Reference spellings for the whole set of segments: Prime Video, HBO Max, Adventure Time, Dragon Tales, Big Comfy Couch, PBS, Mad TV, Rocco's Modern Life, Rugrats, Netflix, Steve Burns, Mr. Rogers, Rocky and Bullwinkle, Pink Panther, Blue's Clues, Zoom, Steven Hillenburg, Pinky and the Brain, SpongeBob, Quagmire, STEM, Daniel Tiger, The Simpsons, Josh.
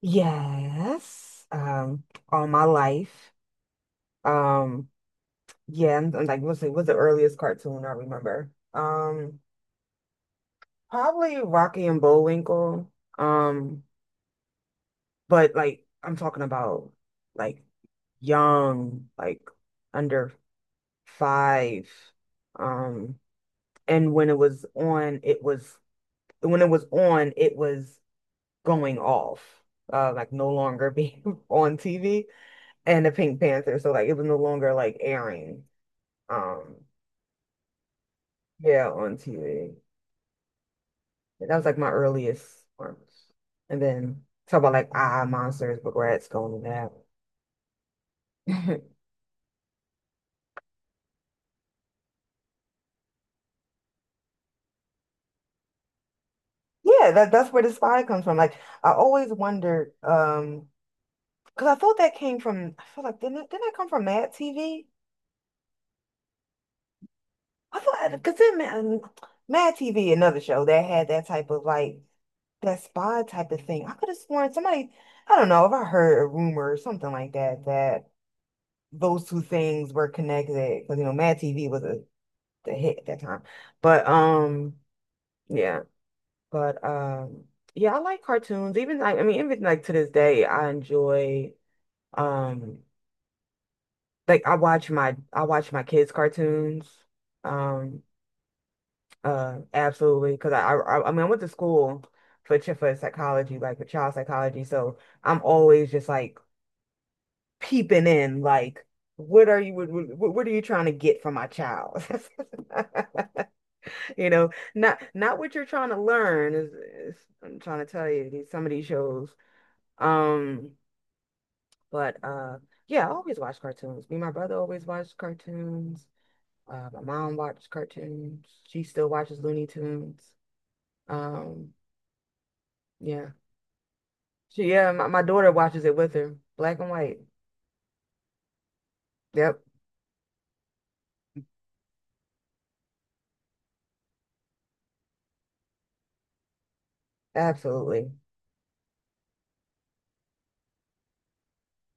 Yes, all my life. Um, yeah, like let's see, what's the earliest cartoon I remember? Probably Rocky and Bullwinkle. Um, but like I'm talking about like young, like under five. Um, and when it was on, it was going off, like no longer being on TV. And the Pink Panther. So like it was no longer like airing. Um, yeah, on TV. That was like my earliest ones. And then talk about like ah monsters, but rats going to that. Yeah, that's where the spy comes from. Like I always wondered, because I thought that came from. I feel like didn't that come from Mad TV? I thought because then Mad TV, another show that had that type of like that spy type of thing. I could have sworn somebody. I don't know if I heard a rumor or something like that that those two things were connected because you know Mad TV was a the hit at that time. But Yeah, but yeah, I like cartoons. Even like I mean, even like to this day, I enjoy um like I watch my kids' cartoons. Um Absolutely because I mean I went to school for psychology, like for child psychology, so I'm always just like peeping in like what are you trying to get from my child? You know, not what you're trying to learn is I'm trying to tell you these some of these shows. Um, but Yeah, I always watch cartoons. Me and my brother always watched cartoons. My mom watched cartoons. She still watches Looney Tunes. Um, yeah. She Yeah, my daughter watches it with her. Black and white. Yep, absolutely.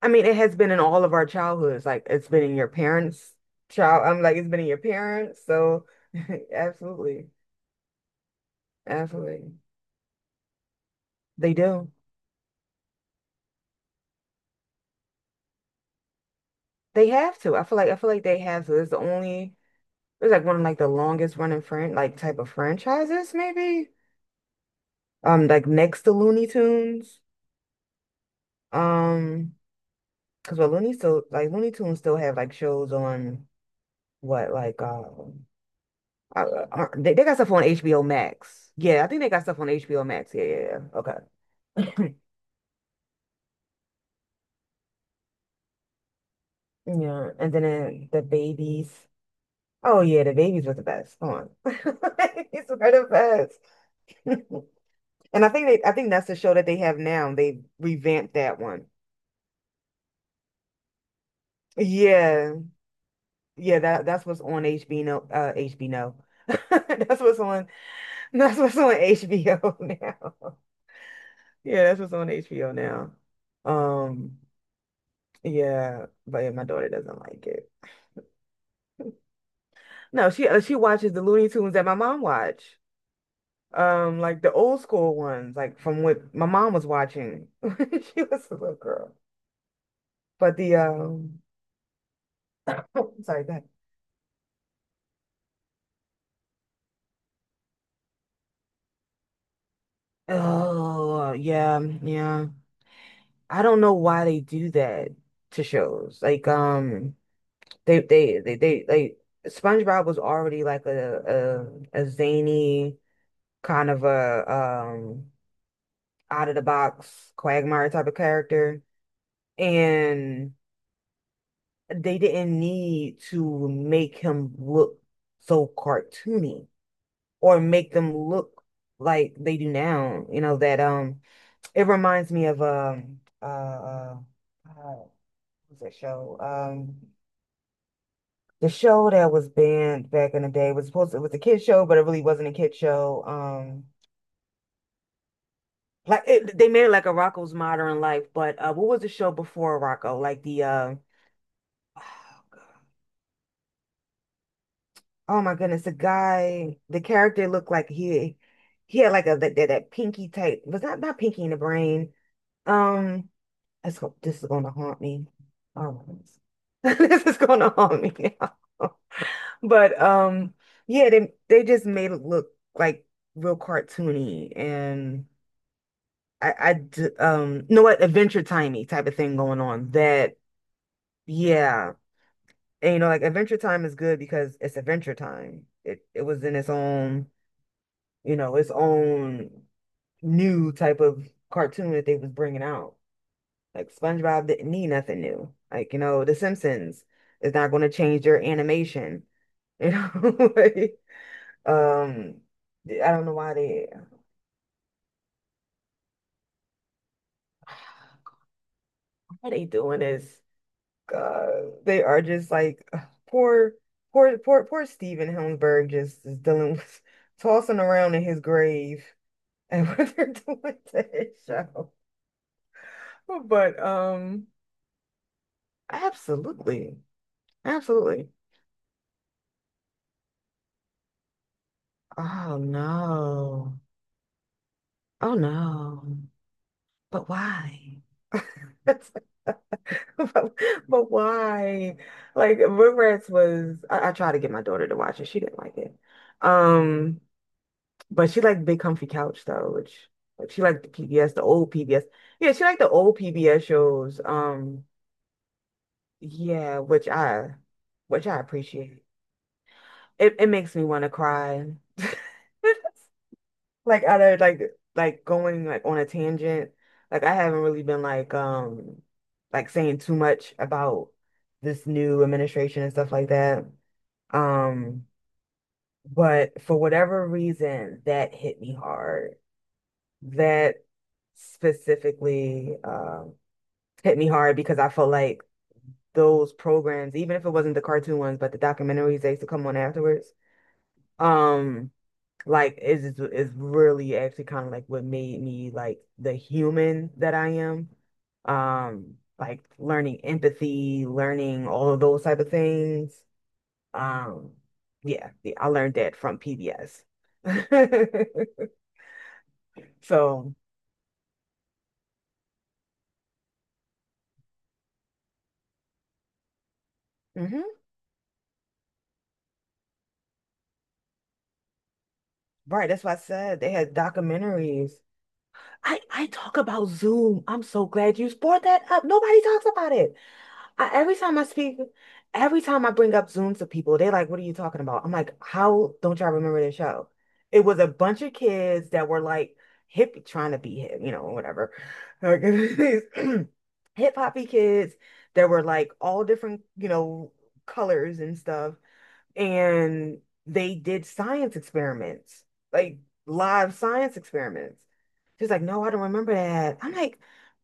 I mean, it has been in all of our childhoods. Like it's been in your parents' child. I'm like it's been in your parents, so absolutely. Absolutely. They do. They have to. I feel like they have to. It's the only It's like one of like the longest running friend like type of franchises maybe. Like next to Looney Tunes. Um because well Looney Tunes still have like shows on what like they got stuff on HBO Max. Yeah, I think they got stuff on HBO Max. Yeah, yeah, yeah. Okay. Yeah, and then the babies. Oh yeah, the babies were the best. Come on. Babies were the best. And I think they, I think that's the show that they have now. They revamped that one. Yeah, yeah. That's what's on HBO. HBO. That's what's on. That's what's on HBO now. Yeah, that's what's on HBO now. Um, yeah, but yeah, my daughter doesn't like it. No, she watches the Looney Tunes that my mom watched. Like the old school ones, like from what my mom was watching. She was a little girl. But the Sorry, go ahead. Oh, yeah, yeah. I don't know why they do that to shows. Like, they like SpongeBob was already like a zany kind of a out of the box Quagmire type of character, and they didn't need to make him look so cartoony or make them look like they do now. You know that. It reminds me of what was that show? The show that was banned back in the day was supposed to, it was a kid show, but it really wasn't a kid show. Like they made it like a Rocco's Modern Life, but what was the show before Rocco? Like the uh Oh my goodness, the guy, the character looked like he had like a that pinky type was not pinky in the brain. Um this is gonna haunt me. Oh my goodness. This is gonna haunt me now. But Yeah, they just made it look like real cartoony and you know what Adventure Timey type of thing going on that yeah. And you know like Adventure Time is good because it's Adventure Time. It was in its own, its own new type of cartoon that they was bringing out. Like SpongeBob didn't need nothing new. Like, The Simpsons is not going to change their animation. You know, like, um, I don't know why they why they doing this. They are just like ugh, poor, poor, poor, poor Steven Hillenburg just is dealing with tossing around in his grave and what they're doing to his show. Oh, but absolutely, absolutely. Oh no. Oh no. But why? But, but why? Like Rugrats was I tried to get my daughter to watch it. She didn't like it. Um, but she liked Big Comfy Couch though, which like she liked the PBS, the old PBS. Yeah, she liked the old PBS shows. Yeah, which I appreciate. It makes me want to cry. Like other like going like on a tangent, like I haven't really been like saying too much about this new administration and stuff like that um but for whatever reason that hit me hard, that specifically hit me hard because I felt like those programs, even if it wasn't the cartoon ones but the documentaries that used to come on afterwards, um like is really actually kind of like what made me like the human that I am. Like learning empathy, learning all of those type of things. Um, yeah, yeah, I learned that from PBS. So, mhm. Right, that's why I said they had documentaries. I talk about Zoom. I'm so glad you brought that up. Nobody talks about it. Every time I speak, every time I bring up Zoom to people, they're like, "What are you talking about?" I'm like, "How don't y'all remember this show?" It was a bunch of kids that were like hip, trying to be hip, whatever. Like, these hip hoppy kids that were like all different, colors and stuff, and they did science experiments, like live science experiments. She's like, no, I don't remember that. I'm like,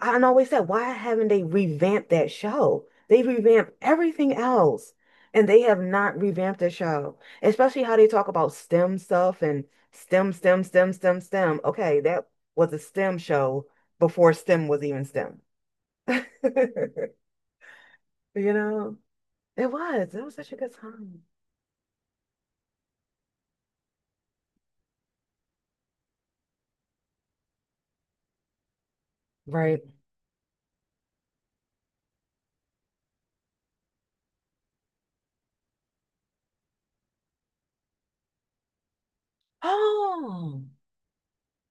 I always said, why haven't they revamped that show? They revamped everything else, and they have not revamped the show, especially how they talk about STEM stuff and STEM, STEM, STEM, STEM, STEM. Okay, that was a STEM show before STEM was even STEM. You know, it was. It was such a good time. Right. Oh.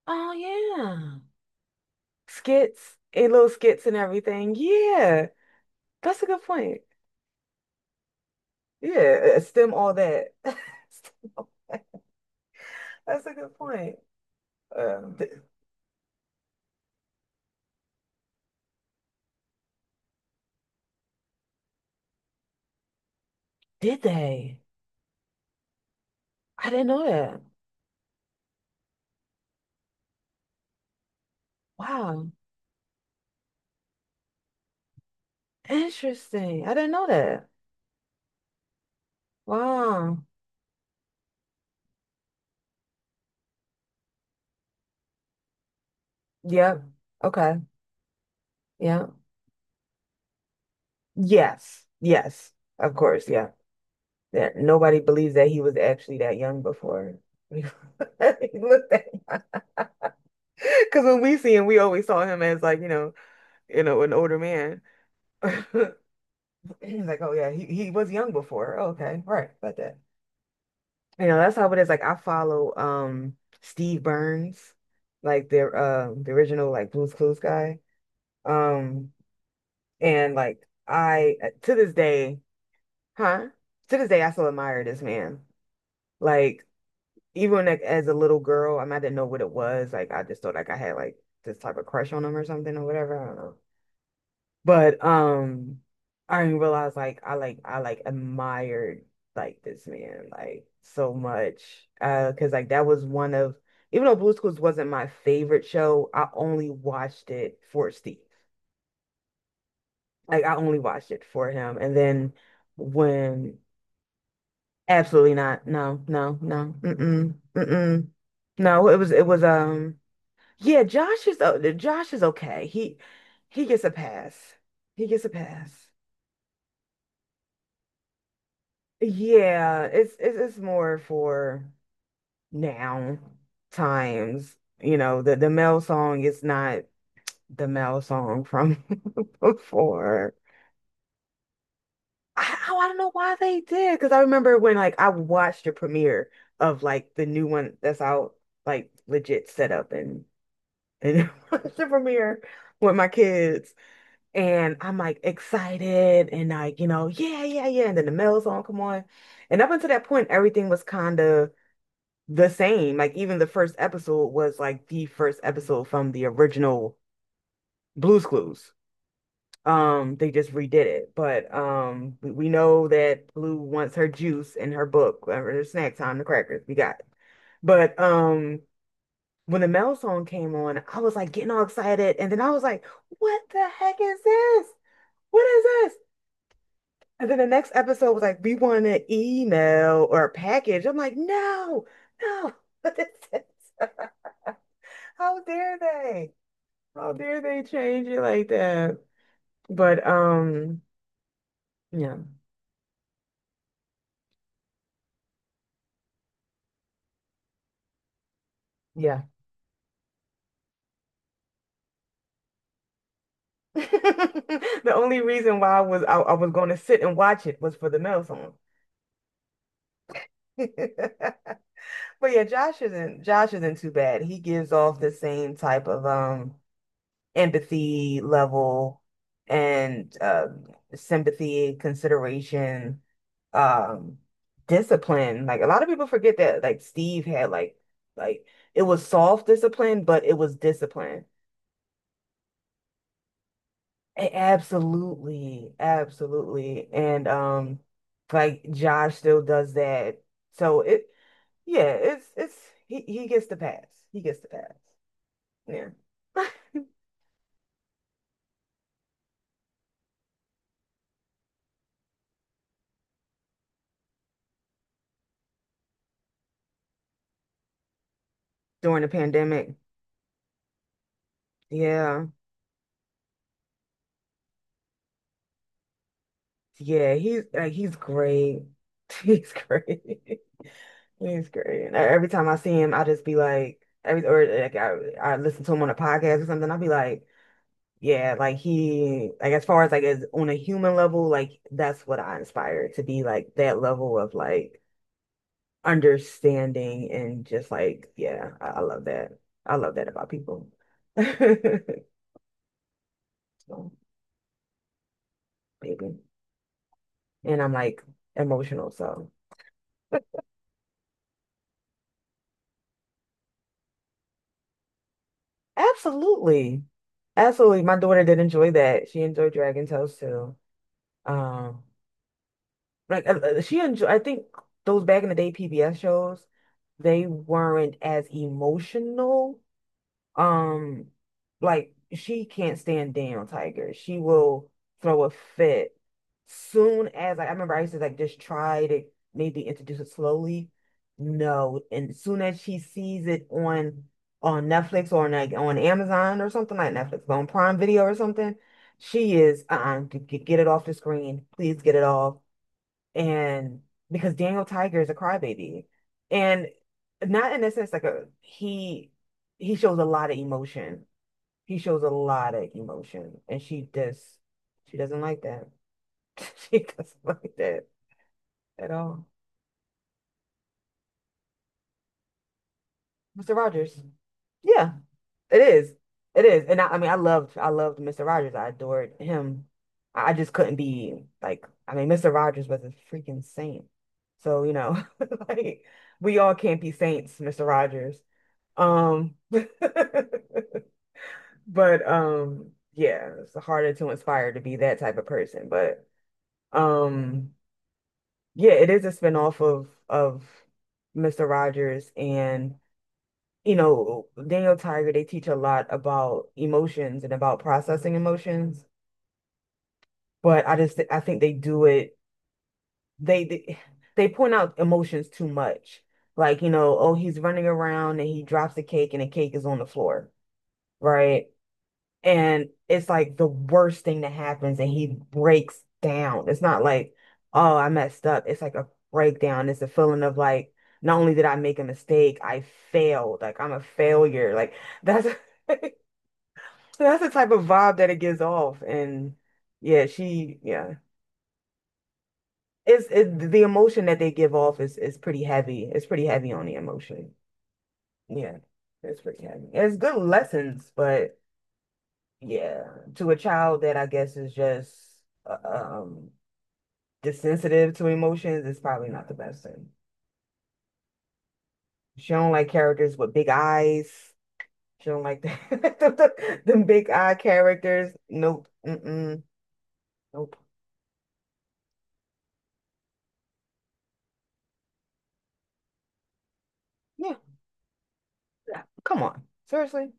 Oh yeah. Skits and little skits and everything. Yeah. That's a good point. Yeah. Stem all that. Stem all- That's a good point. Um, th- did they? I didn't know that. Wow. Interesting. I didn't know that. Wow. Yep. Okay. Yeah. Yes. Yes. Of course. Yeah. Yeah. Nobody believes that he was actually that young before. He looked that young. Because when we see him, we always saw him as like, you know, an older man. He's like, oh yeah, he was young before. Okay, right, about that. You know, that's how it is. Like I follow Steve Burns, like the original like Blue's Clues guy. Um and like I to this day, huh? To this day I still admire this man. Like even like as a little girl, I mean I didn't know what it was. Like I just thought like I had like this type of crush on him or something or whatever. I don't know. But I didn't realize like I like I like admired like this man like so much. 'Cause like that was one of even though Blue's Clues wasn't my favorite show, I only watched it for Steve. Like I only watched it for him. And then when absolutely not. No, no, no. Mm-mm. Mm-mm. No, it was yeah, Josh is okay. He gets a pass. He gets a pass. Yeah, it's more for now times. You know, the male song is not the male song from before. Oh, I don't know why they did because I remember when like I watched the premiere of like the new one that's out, like legit set up and watched the premiere with my kids, and I'm like excited and like yeah yeah yeah, and then the male song come on, and up until that point everything was kind of the same. Like even the first episode was like the first episode from the original Blue's Clues. They just redid it, but we know that Blue wants her juice and her book or her snack time, the crackers. We got it. But when the Mel song came on, I was like getting all excited, and then I was like, "What the heck is this? What is this?" And then the next episode was like, "We want an email or a package." I'm like, "No, no, what is this? How dare they?" How dare they change it like that? But yeah, yeah. The only reason why I was going to sit and watch it was for the male song. But yeah, Josh isn't too bad. He gives off the same type of empathy level and sympathy, consideration, um discipline. Like a lot of people forget that like Steve had like it was soft discipline, but it was discipline. Absolutely, absolutely. And like Josh still does that. So it yeah, it's he gets the pass. He gets the pass. Yeah. During the pandemic. Yeah. Yeah, he's great. He's great. He's great. And every time I see him, I just be like every or like I listen to him on a podcast or something, I'll be like, yeah, like he, like as far as like as on a human level, like that's what I aspire to be, like that level of like understanding and just like, yeah, I love that. I love that about people. So, maybe. And I'm like emotional, so absolutely. Absolutely. My daughter did enjoy that. She enjoyed Dragon Tales too. Um, like she enjoy I think those back in the day PBS shows, they weren't as emotional. Um, like she can't stand down, Tiger. She will throw a fit soon as like I remember I used to like just try to maybe introduce it slowly. No, and as soon as she sees it on Netflix or on like on Amazon or something like Netflix, but on Prime Video or something, she is uh-uh, get it off the screen. Please get it off, and because Daniel Tiger is a crybaby, and not in a sense like a he shows a lot of emotion. He shows a lot of emotion, and she just she doesn't like that. She doesn't like that at all. Mr. Rogers, yeah, it is, it is, and I mean I loved Mr. Rogers. I adored him. I just couldn't be like I mean Mr. Rogers was a freaking saint. So, you know, like we all can't be saints, Mr. Rogers. Um, but yeah, it's harder to inspire to be that type of person. But um, yeah, it is a spinoff of Mr. Rogers and you know Daniel Tiger. They teach a lot about emotions and about processing emotions. But I think they do it. They they, they point out emotions too much. Like, you know, oh, he's running around and he drops the cake and the cake is on the floor, right? And it's like the worst thing that happens and he breaks down. It's not like, oh, I messed up. It's like a breakdown. It's a feeling of like, not only did I make a mistake, I failed. Like I'm a failure. Like that's that's the type of vibe that it gives off. And yeah, she yeah. The emotion that they give off is pretty heavy. It's pretty heavy on the emotion. Yeah. It's pretty heavy. It's good lessons, but yeah, to a child that I guess is just uh, um desensitive to emotions, it's probably not the best thing. She don't like characters with big eyes. She don't like them big eye characters. Nope. Mm-mm. Nope. Yeah. Yeah. Come on. Seriously.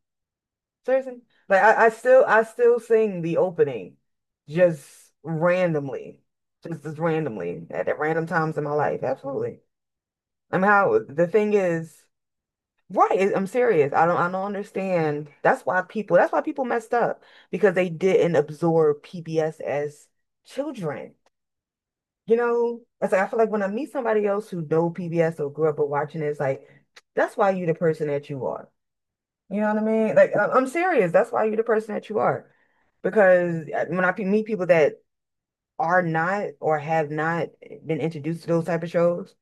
Seriously. Like I, I still sing the opening just randomly. Just as randomly at random times in my life. Absolutely. I mean how the thing is right. I'm serious. I don't understand. That's why people messed up because they didn't absorb PBS as children. You know, it's like I feel like when I meet somebody else who know PBS or grew up with watching it, it's like that's why you the person that you are. You know what I mean? Like I'm serious. That's why you the person that you are. Because when I meet people that are not or have not been introduced to those type of shows,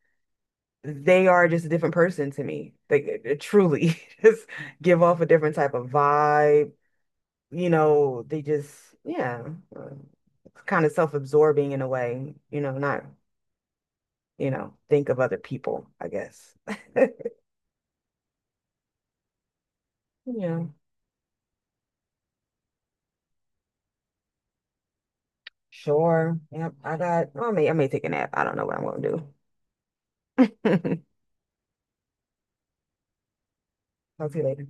they are just a different person to me. They truly just give off a different type of vibe. You know, they just, yeah, uh, it's kind of self-absorbing in a way, you know, not, you know, think of other people, I guess. Yeah, sure. Yep, I may take a nap. I don't know what I'm gonna do. Talk to you later.